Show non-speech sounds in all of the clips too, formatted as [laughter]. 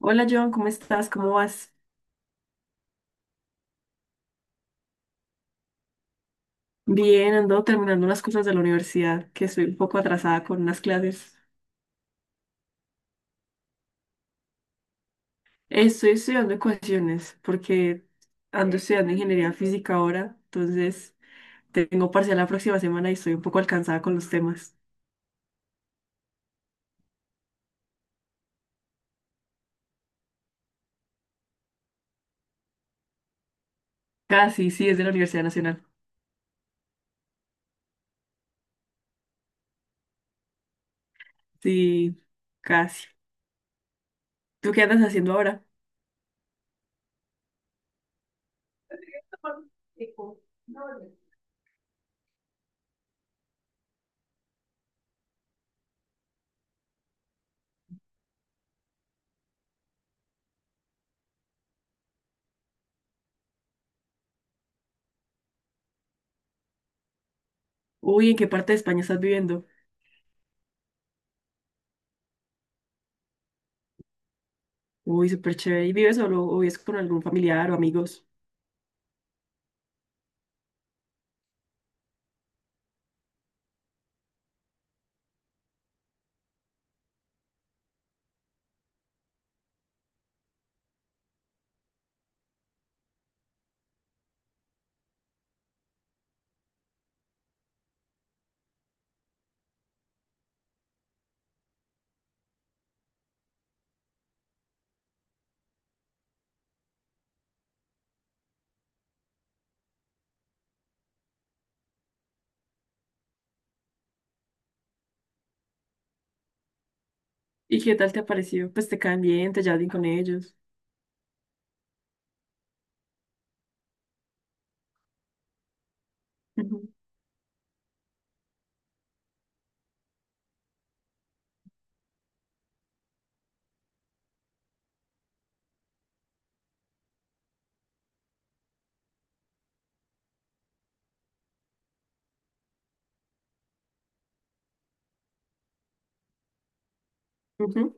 Hola Joan, ¿cómo estás? ¿Cómo vas? Bien, ando terminando unas cosas de la universidad, que estoy un poco atrasada con unas clases. Estoy estudiando ecuaciones porque ando estudiando ingeniería física ahora, entonces tengo parcial la próxima semana y estoy un poco alcanzada con los temas. Casi, sí, es de la Universidad Nacional. Sí, casi. ¿Tú qué andas haciendo ahora? Uy, ¿en qué parte de España estás viviendo? Uy, súper chévere. ¿Y vives solo o vives con algún familiar o amigos? ¿Y qué tal te ha parecido? Pues te caen bien, te llevas bien con ellos. Ujú, ujú.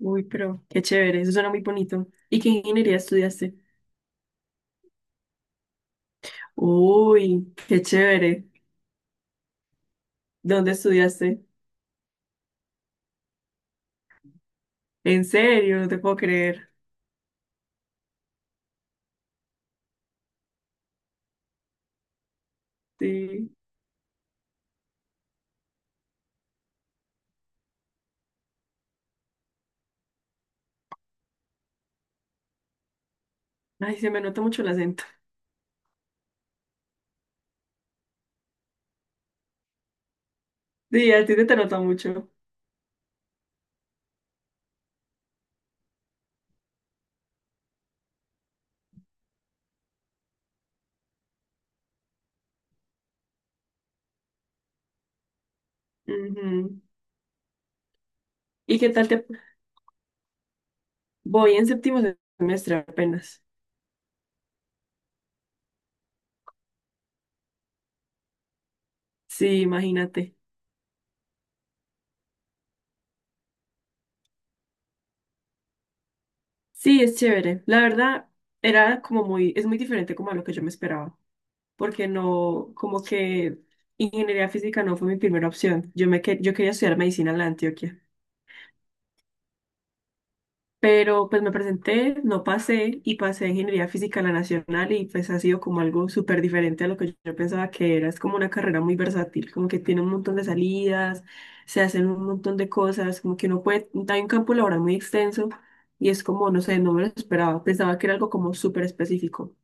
Uy, pero qué chévere, eso suena muy bonito. ¿Y qué ingeniería estudiaste? Uy, qué chévere. ¿Dónde estudiaste? En serio, no te puedo creer. Sí. Ay, se me nota mucho el acento. Sí, a ti se te nota mucho. Ujú. ¿Y qué tal te... Voy en séptimo semestre apenas. Sí, imagínate. Sí, es chévere. La verdad, era como es muy diferente como a lo que yo me esperaba, porque no, como que ingeniería física no fue mi primera opción. Yo quería estudiar medicina en la de Antioquia, pero pues me presenté, no pasé y pasé ingeniería física en la Nacional y pues ha sido como algo súper diferente a lo que yo pensaba que era. Es como una carrera muy versátil, como que tiene un montón de salidas, se hacen un montón de cosas, como que uno puede, hay un campo laboral muy extenso. Y es como, no sé, no me lo esperaba. Pensaba que era algo como súper específico.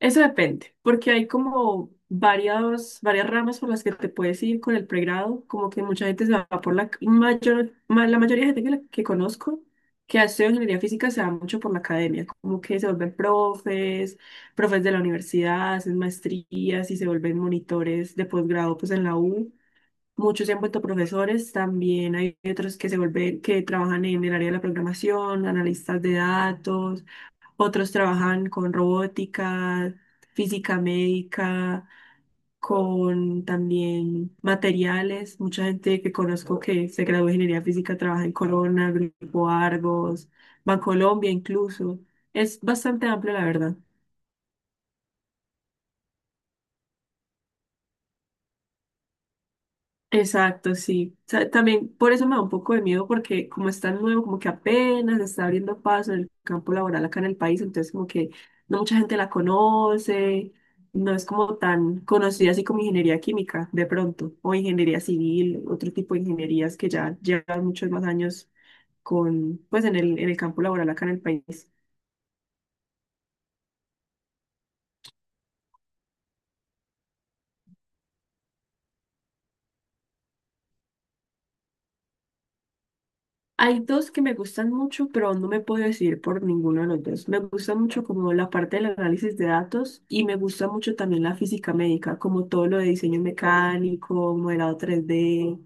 Eso depende, porque hay como varias ramas por las que te puedes ir con el pregrado, como que mucha gente se va por la mayor, la mayoría de gente que conozco que ha estudiado ingeniería física se va mucho por la academia, como que se vuelven profes, profes de la universidad, hacen maestrías y se vuelven monitores de posgrado pues en la U. Muchos se han vuelto profesores, también hay otros que se vuelven, que trabajan en el área de la programación, analistas de datos, otros trabajan con robótica, física médica, con también materiales. Mucha gente que conozco que se graduó de ingeniería física trabaja en Corona, Grupo Argos, Bancolombia incluso. Es bastante amplio, la verdad. Exacto, sí. O sea, también por eso me da un poco de miedo porque como es tan nuevo, como que apenas está abriendo paso en el campo laboral acá en el país, entonces como que no mucha gente la conoce, no es como tan conocida así como ingeniería química de pronto, o ingeniería civil, otro tipo de ingenierías que ya llevan muchos más años pues en el campo laboral acá en el país. Hay dos que me gustan mucho, pero no me puedo decidir por ninguno de los dos. Me gusta mucho como la parte del análisis de datos y me gusta mucho también la física médica, como todo lo de diseño mecánico, modelado 3D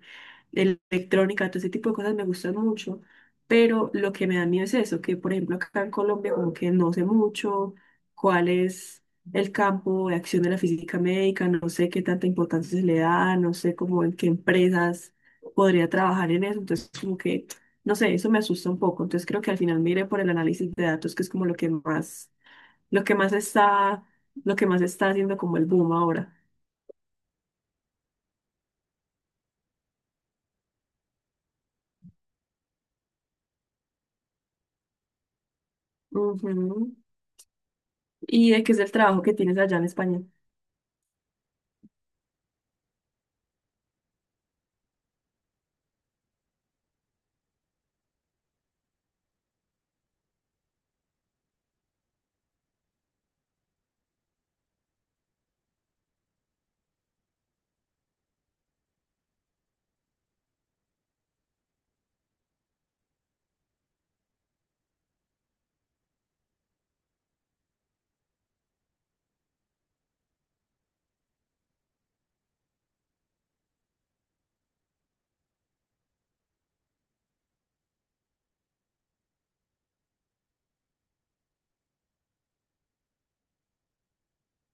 de electrónica, todo ese tipo de cosas me gustan mucho, pero lo que me da miedo es eso, que por ejemplo acá en Colombia como que no sé mucho cuál es el campo de acción de la física médica, no sé qué tanta importancia se le da, no sé cómo en qué empresas podría trabajar en eso, entonces como que, no sé, eso me asusta un poco, entonces creo que al final mire por el análisis de datos, que es como lo que más está, lo que más está haciendo como el boom ahora. Ujú. ¿Y de qué es el trabajo que tienes allá en España?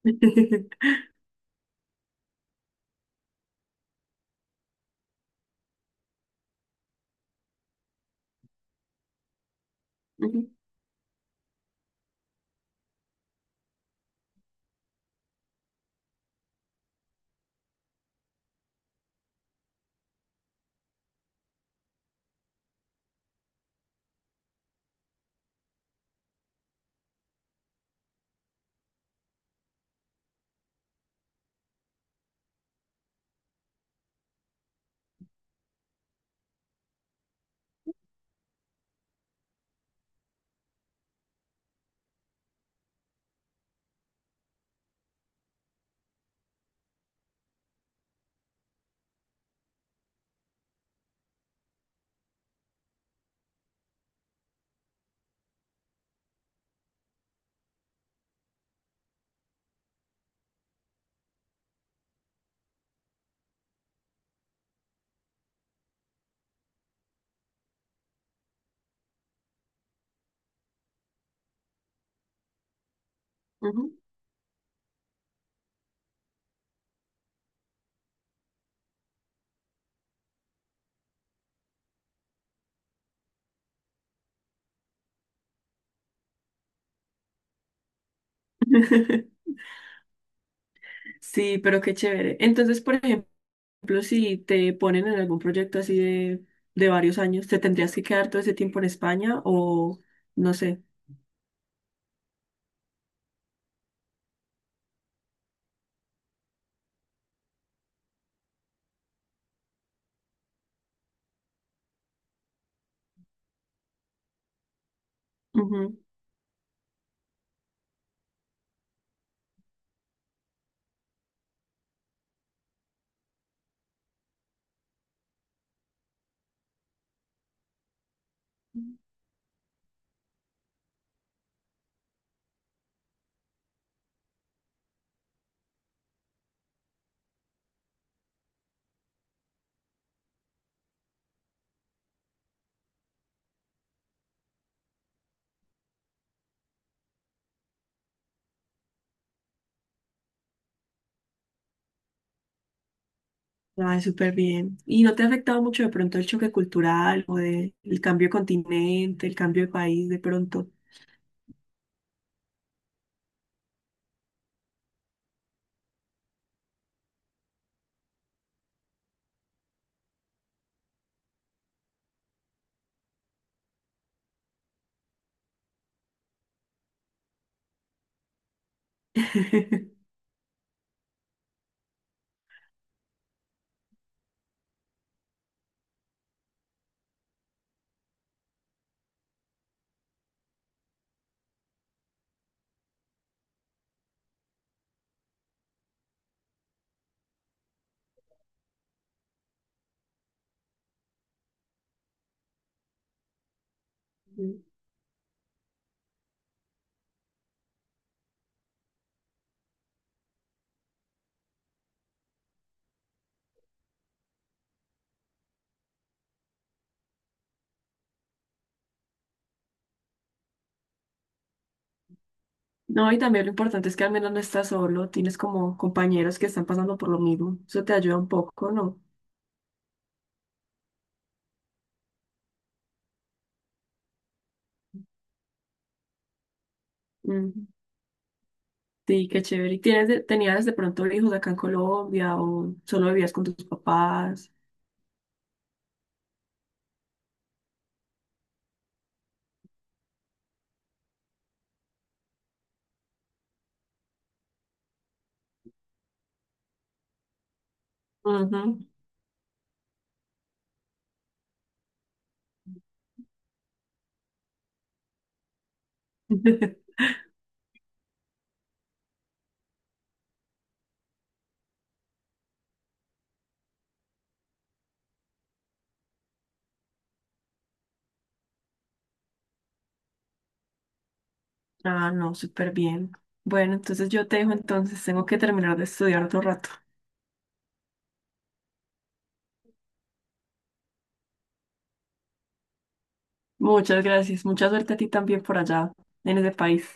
[laughs] Ujú, ujú. [laughs] Sí, pero qué chévere. Entonces, por ejemplo, si te ponen en algún proyecto así de varios años, ¿te tendrías que quedar todo ese tiempo en España o no sé? Ujú. Ay, súper bien. ¿Y no te ha afectado mucho de pronto el choque cultural el cambio de continente, el cambio de país de pronto? [laughs] Ujú. No, y también lo importante es que al menos no estás solo, tienes como compañeros que están pasando por lo mismo. Eso te ayuda un poco, ¿no? Sí, qué chévere. ¿Y tienes tenías de pronto hijos acá en Colombia o solo vivías con tus papás? Ujú. [laughs] Ah, no, súper bien. Bueno, entonces yo te dejo entonces, tengo que terminar de estudiar otro rato. Muchas gracias, mucha suerte a ti también por allá, en ese país.